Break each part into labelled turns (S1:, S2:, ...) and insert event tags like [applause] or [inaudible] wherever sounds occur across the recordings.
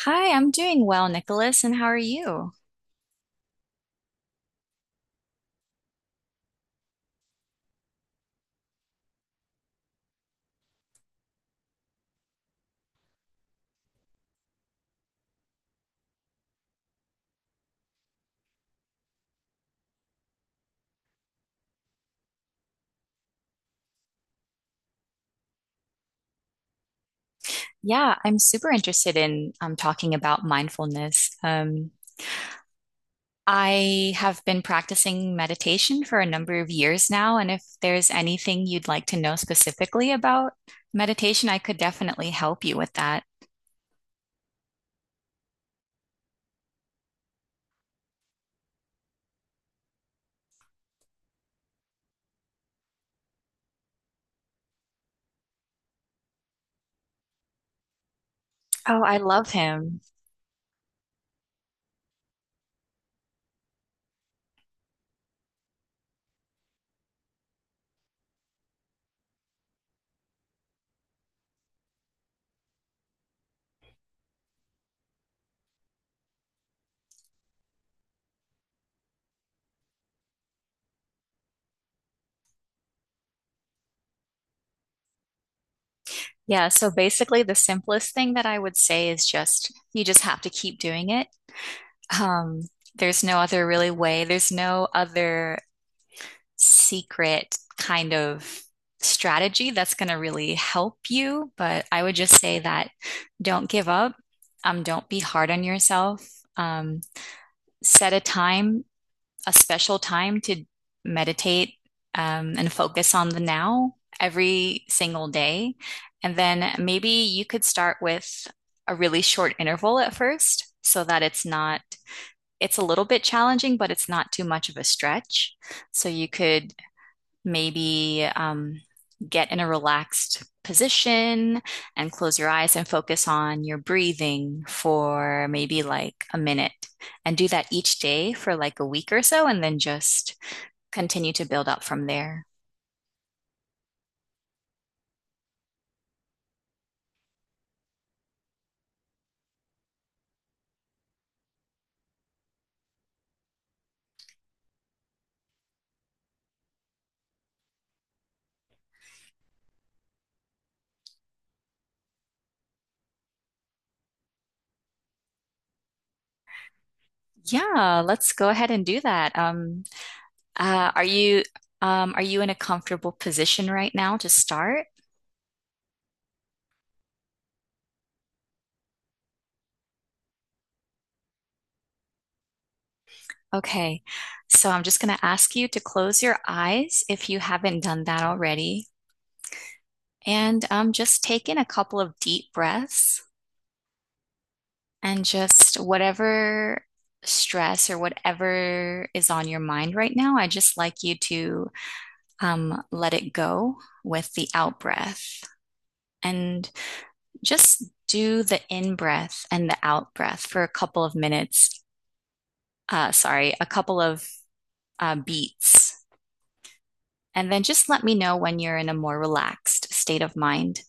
S1: Hi, I'm doing well, Nicholas, and how are you? Yeah, I'm super interested in talking about mindfulness. I have been practicing meditation for a number of years now, and if there's anything you'd like to know specifically about meditation, I could definitely help you with that. Oh, I love him. Yeah, so basically, the simplest thing that I would say is just you just have to keep doing it. Um, there's no other really way. There's no other secret kind of strategy that's going to really help you. But I would just say that don't give up. Don't be hard on yourself. Um, Set a time, a special time to meditate and focus on the now every single day. And then maybe you could start with a really short interval at first so that it's not, it's a little bit challenging, but it's not too much of a stretch. So you could maybe get in a relaxed position and close your eyes and focus on your breathing for maybe like a minute and do that each day for like a week or so and then just continue to build up from there. Yeah, let's go ahead and do that. Uh, are you are you in a comfortable position right now to start? Okay, so I'm just going to ask you to close your eyes if you haven't done that already. And just take in a couple of deep breaths and just whatever stress or whatever is on your mind right now, I just like you to let it go with the out breath and just do the in breath and the out breath for a couple of minutes. Sorry, a couple of beats. And then just let me know when you're in a more relaxed state of mind.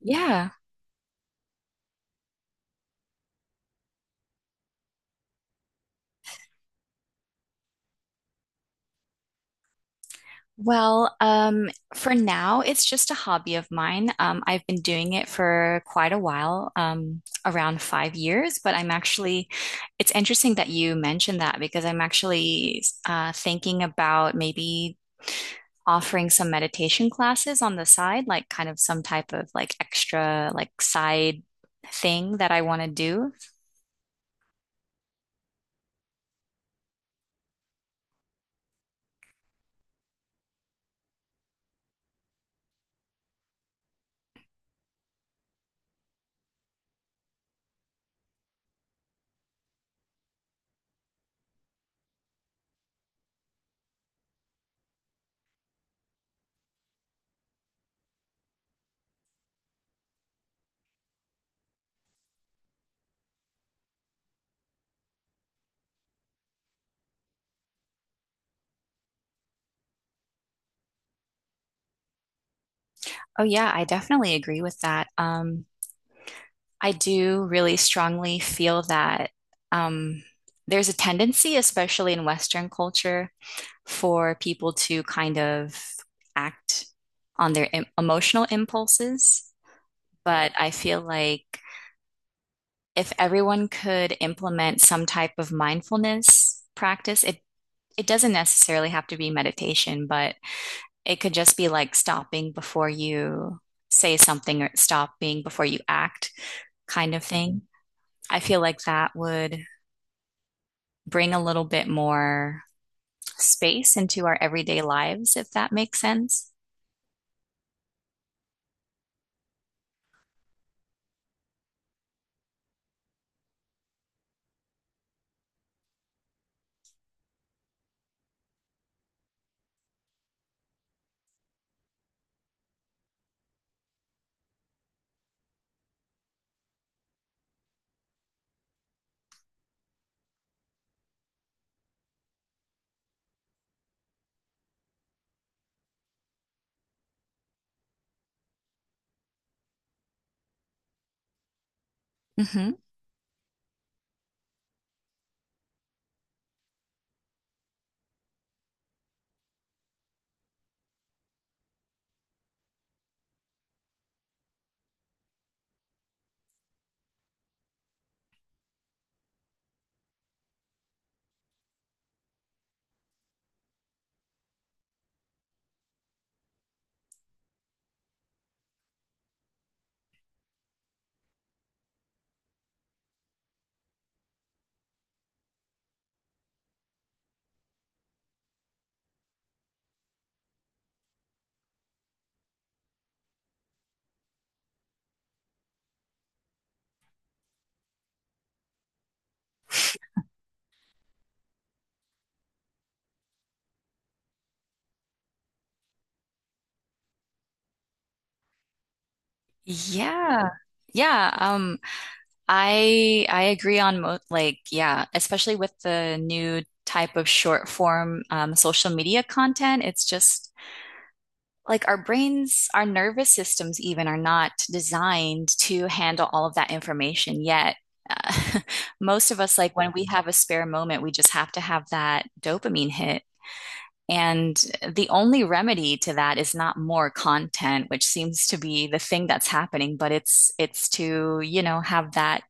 S1: Yeah. Well, for now, it's just a hobby of mine. I've been doing it for quite a while, around 5 years, but it's interesting that you mentioned that because I'm actually thinking about maybe offering some meditation classes on the side, like kind of some type of like extra, like side thing that I want to do. Oh, yeah, I definitely agree with that. I do really strongly feel that um, there's a tendency, especially in Western culture, for people to kind of act on their emotional impulses. But I feel like if everyone could implement some type of mindfulness practice, it doesn't necessarily have to be meditation, but it could just be like stopping before you say something or stopping before you act kind of thing. I feel like that would bring a little bit more space into our everyday lives, if that makes sense. Hmm. Yeah. Yeah, I agree on mo like yeah, especially with the new type of short form social media content. It's just like our brains, our nervous systems even are not designed to handle all of that information yet. Uh, [laughs] Most of us, like when we have a spare moment, we just have to have that dopamine hit. And the only remedy to that is not more content, which seems to be the thing that's happening, but it's to, you know, have that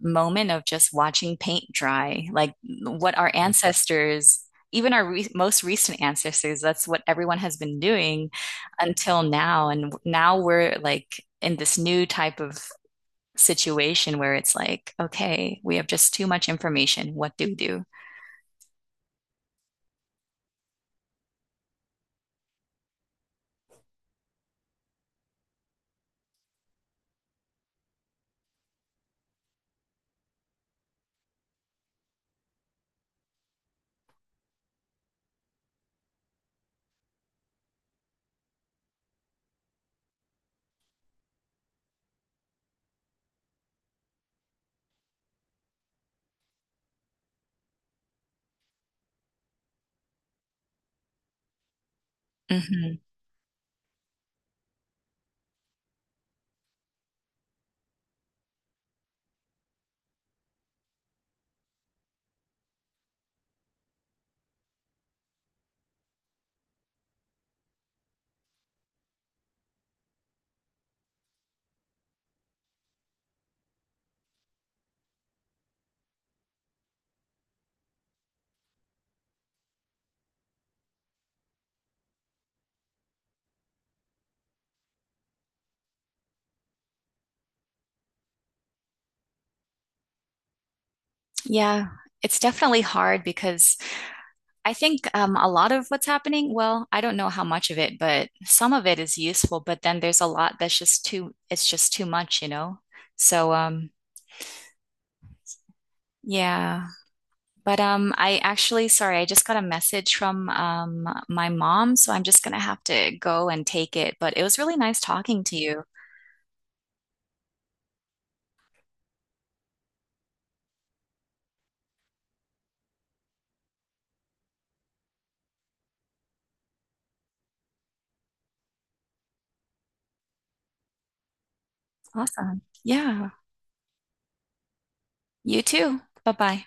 S1: moment of just watching paint dry, like what our ancestors, even our re most recent ancestors, that's what everyone has been doing until now. And now we're like in this new type of situation where it's like, okay, we have just too much information. What do we do? Hmm. Yeah, it's definitely hard because I think a lot of what's happening, well, I don't know how much of it, but some of it is useful, but then there's a lot that's just it's just too much, you know? So, yeah. But I actually, sorry, I just got a message from my mom, so I'm just gonna have to go and take it. But it was really nice talking to you. Awesome. Yeah. You too. Bye-bye.